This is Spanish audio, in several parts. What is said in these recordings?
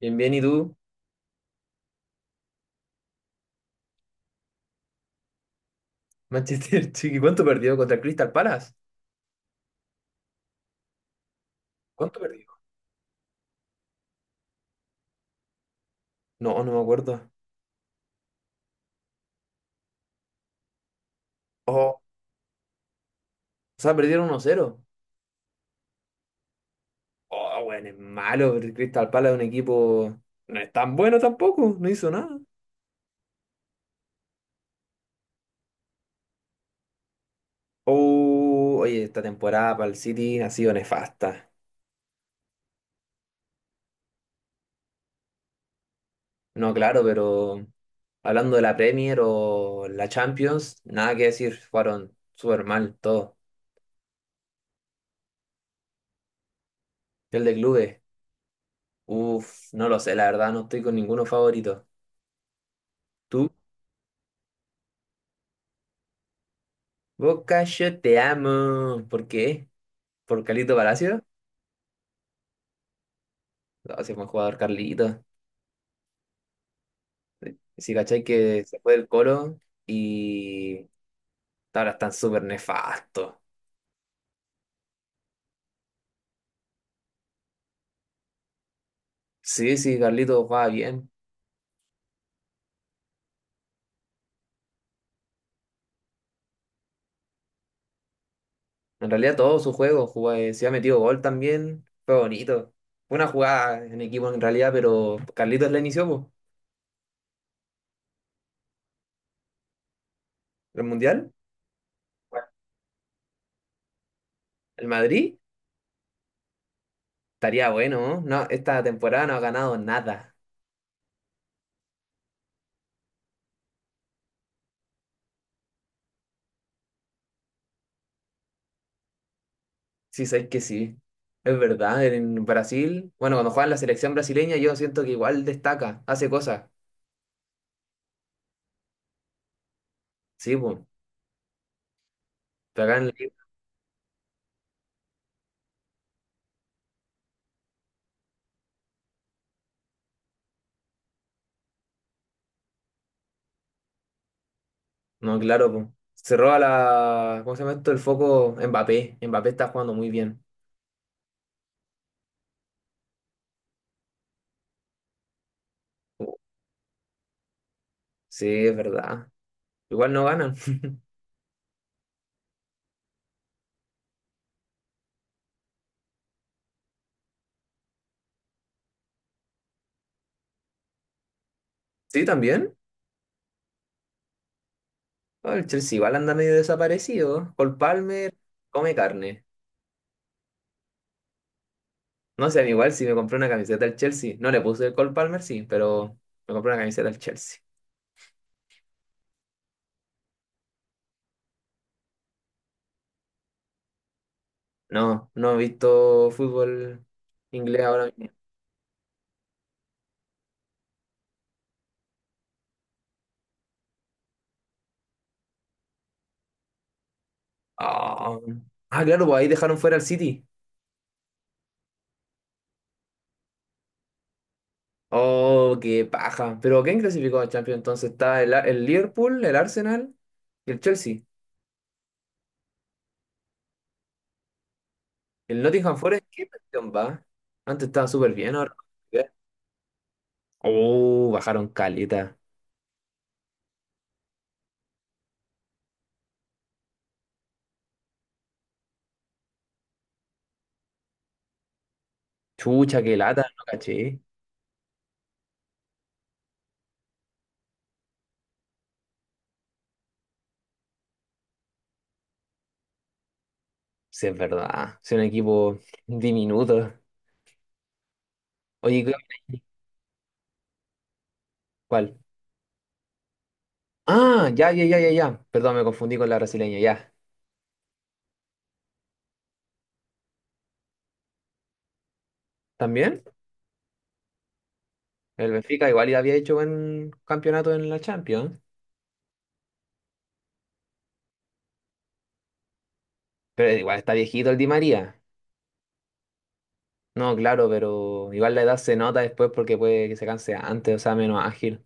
Bien, bien, ¿y tú? Manchester City, ¿cuánto perdió? ¿Contra el Crystal Palace? ¿Cuánto perdió? No, me acuerdo. Oh, o sea, perdieron uno cero. Oh, bueno, es malo, pero el Crystal Palace es un equipo... No es tan bueno tampoco, no hizo nada. Oh, oye, esta temporada para el City ha sido nefasta. No, claro, pero hablando de la Premier o la Champions, nada que decir, fueron súper mal todo. El de clubes, uff, no lo sé, la verdad, no estoy con ninguno favorito. ¿Tú? Boca, yo te amo. ¿Por qué? ¿Por Carlito Palacio? No, si fue un jugador Carlito. Sí, cachai que se fue del Colo y ahora están súper nefastos. Sí, sí, Carlito jugaba bien. En realidad todo su juego jugaba, si ha metido gol también, fue bonito. Fue una jugada en equipo en realidad, pero Carlitos la inició, po. ¿El Mundial? Bueno. El Madrid estaría bueno, ¿no? No, esta temporada no ha ganado nada. Sí, sabes que sí. Es verdad, en Brasil, bueno, cuando juega en la selección brasileña, yo siento que igual destaca, hace cosas. Sí, pues. Pero acá en el... No, claro, pues. Se roba la. ¿Cómo se llama esto? El foco Mbappé. Mbappé está jugando muy bien. Sí, es verdad. Igual no ganan. Sí, también. Ah, el Chelsea igual anda medio desaparecido. Cole Palmer come carne. No sé, a mí igual si me compré una camiseta del Chelsea. No le puse el Cole Palmer, sí, pero me compré una camiseta del Chelsea. No, no he visto fútbol inglés ahora mismo. Ah, Ah, claro, pues ahí dejaron fuera al City. Oh, qué paja. Pero ¿quién clasificó a Champions? Entonces está el Liverpool, el Arsenal y el Chelsea. El Nottingham Forest, ¿qué cuestión va? Antes estaba súper bien, ahora. No. Oh, bajaron caleta. Chucha, qué lata, no caché. Sí, es verdad. Es un equipo diminuto. Oye, ¿qué- ¿cuál? Ah, ya, ya, ya, ya, ya. Perdón, me confundí con la brasileña, ya. ¿También? El Benfica igual ya había hecho buen campeonato en la Champions, pero igual está viejito el Di María. No, claro, pero igual la edad se nota después porque puede que se canse antes, o sea, menos ágil.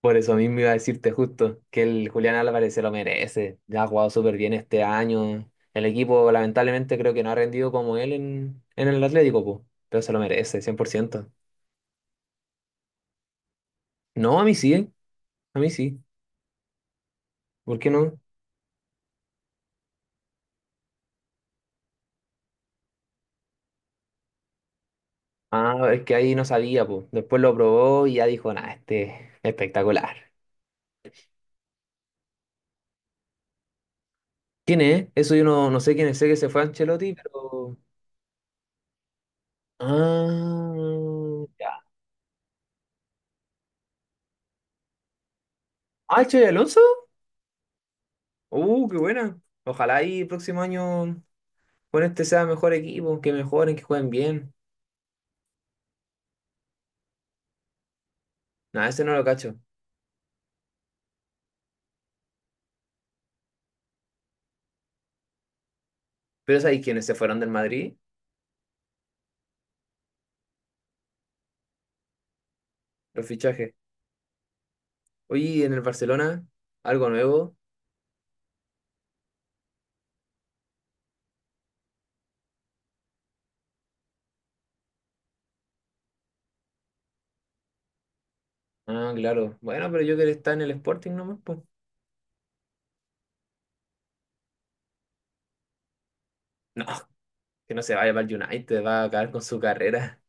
Por eso mismo iba a decirte justo que el Julián Álvarez se lo merece. Ya ha jugado súper bien este año. El equipo lamentablemente creo que no ha rendido como él en el Atlético, po, pero se lo merece, 100%. No, a mí sí, ¿eh? A mí sí. ¿Por qué no? Ah, es que ahí no sabía, pues. Después lo probó y ya dijo, nada, este espectacular. ¿Quién es? Eso yo no sé quién es, sé que se fue Ancelotti, pero. Ah, ya. ¿Ah, el Xabi Alonso? Qué buena. Ojalá y el próximo año con este sea mejor equipo, que mejoren, que jueguen bien. Nada, ese no lo cacho. Pero ¿sabéis quiénes se fueron del Madrid? Los fichajes. Oye, ¿y en el Barcelona, algo nuevo. Ah, claro. Bueno, pero yo que está en el Sporting nomás, pues. No, que no se vaya para el United, va a acabar con su carrera.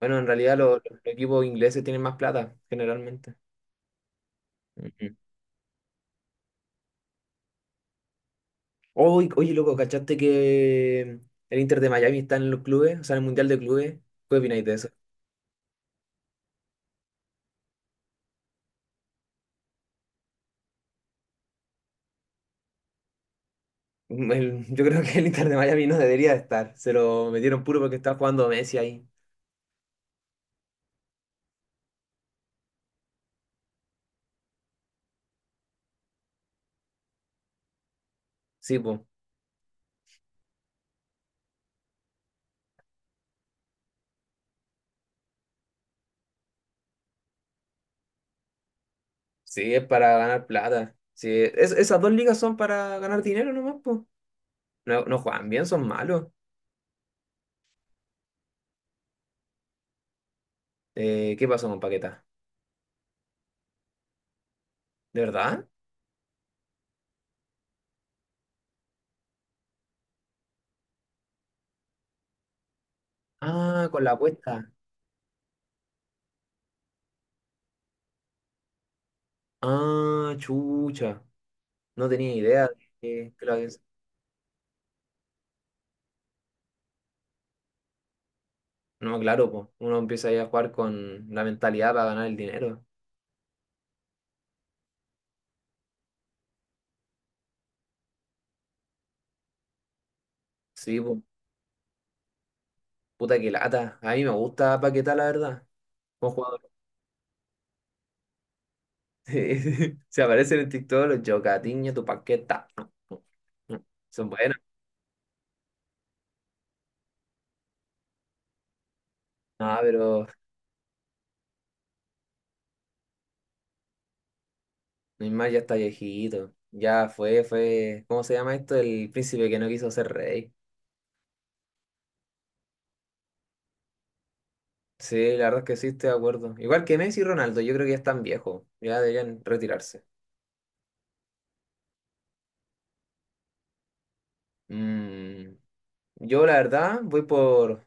Bueno, en realidad los equipos ingleses tienen más plata, generalmente. Ujú. Oy- oye, loco, ¿cachaste que el Inter de Miami está en los clubes? O sea, en el Mundial de Clubes. ¿Qué opináis de eso? Mm, el- yo creo que el Inter de Miami no debería estar. Se lo metieron puro porque está jugando Messi ahí. Sí, pues. Sí, es para ganar plata. Sí, es- esas dos ligas son para ganar dinero nomás, pues. No, no juegan bien, son malos. ¿Qué pasó con Paquetá? ¿De verdad? Ah, con la apuesta. Ah, chucha. No tenía idea de que lo habían. No, claro, po. Uno empieza ahí a jugar con la mentalidad para ganar el dinero. Sí, po. Puta que lata. A mí me gusta Paquetá, la verdad. Como jugador. Se aparecen en TikTok los Jocatiño, tu Paquetá. Son buenas. No, pero Neymar ya está viejito. Ya fue, fue. ¿Cómo se llama esto? El príncipe que no quiso ser rey. Sí, la verdad es que sí, estoy de acuerdo. Igual que Messi y Ronaldo, yo creo que ya están viejos. Ya deberían retirarse. Mm, yo, la verdad, voy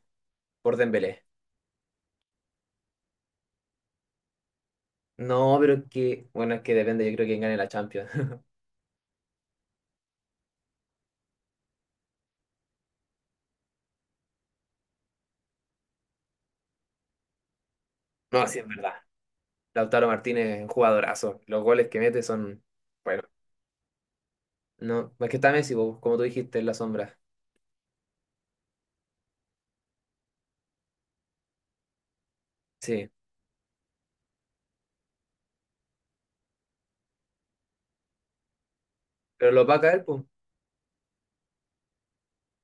por Dembélé. No, pero es que, bueno, es que depende, yo creo quién gane la Champions. No, sí, es verdad. Lautaro Martínez es un jugadorazo. Los goles que mete son, bueno, no, es que está Messi, po, como tú dijiste, en la sombra. Sí, pero lo va a caer, pues,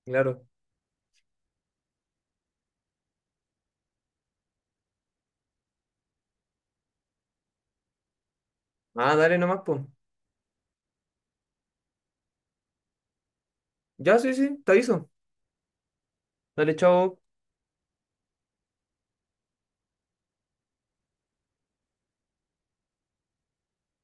claro. Ah, dale nomás, pues. Ya, sí, sí, te aviso. Dale, chao.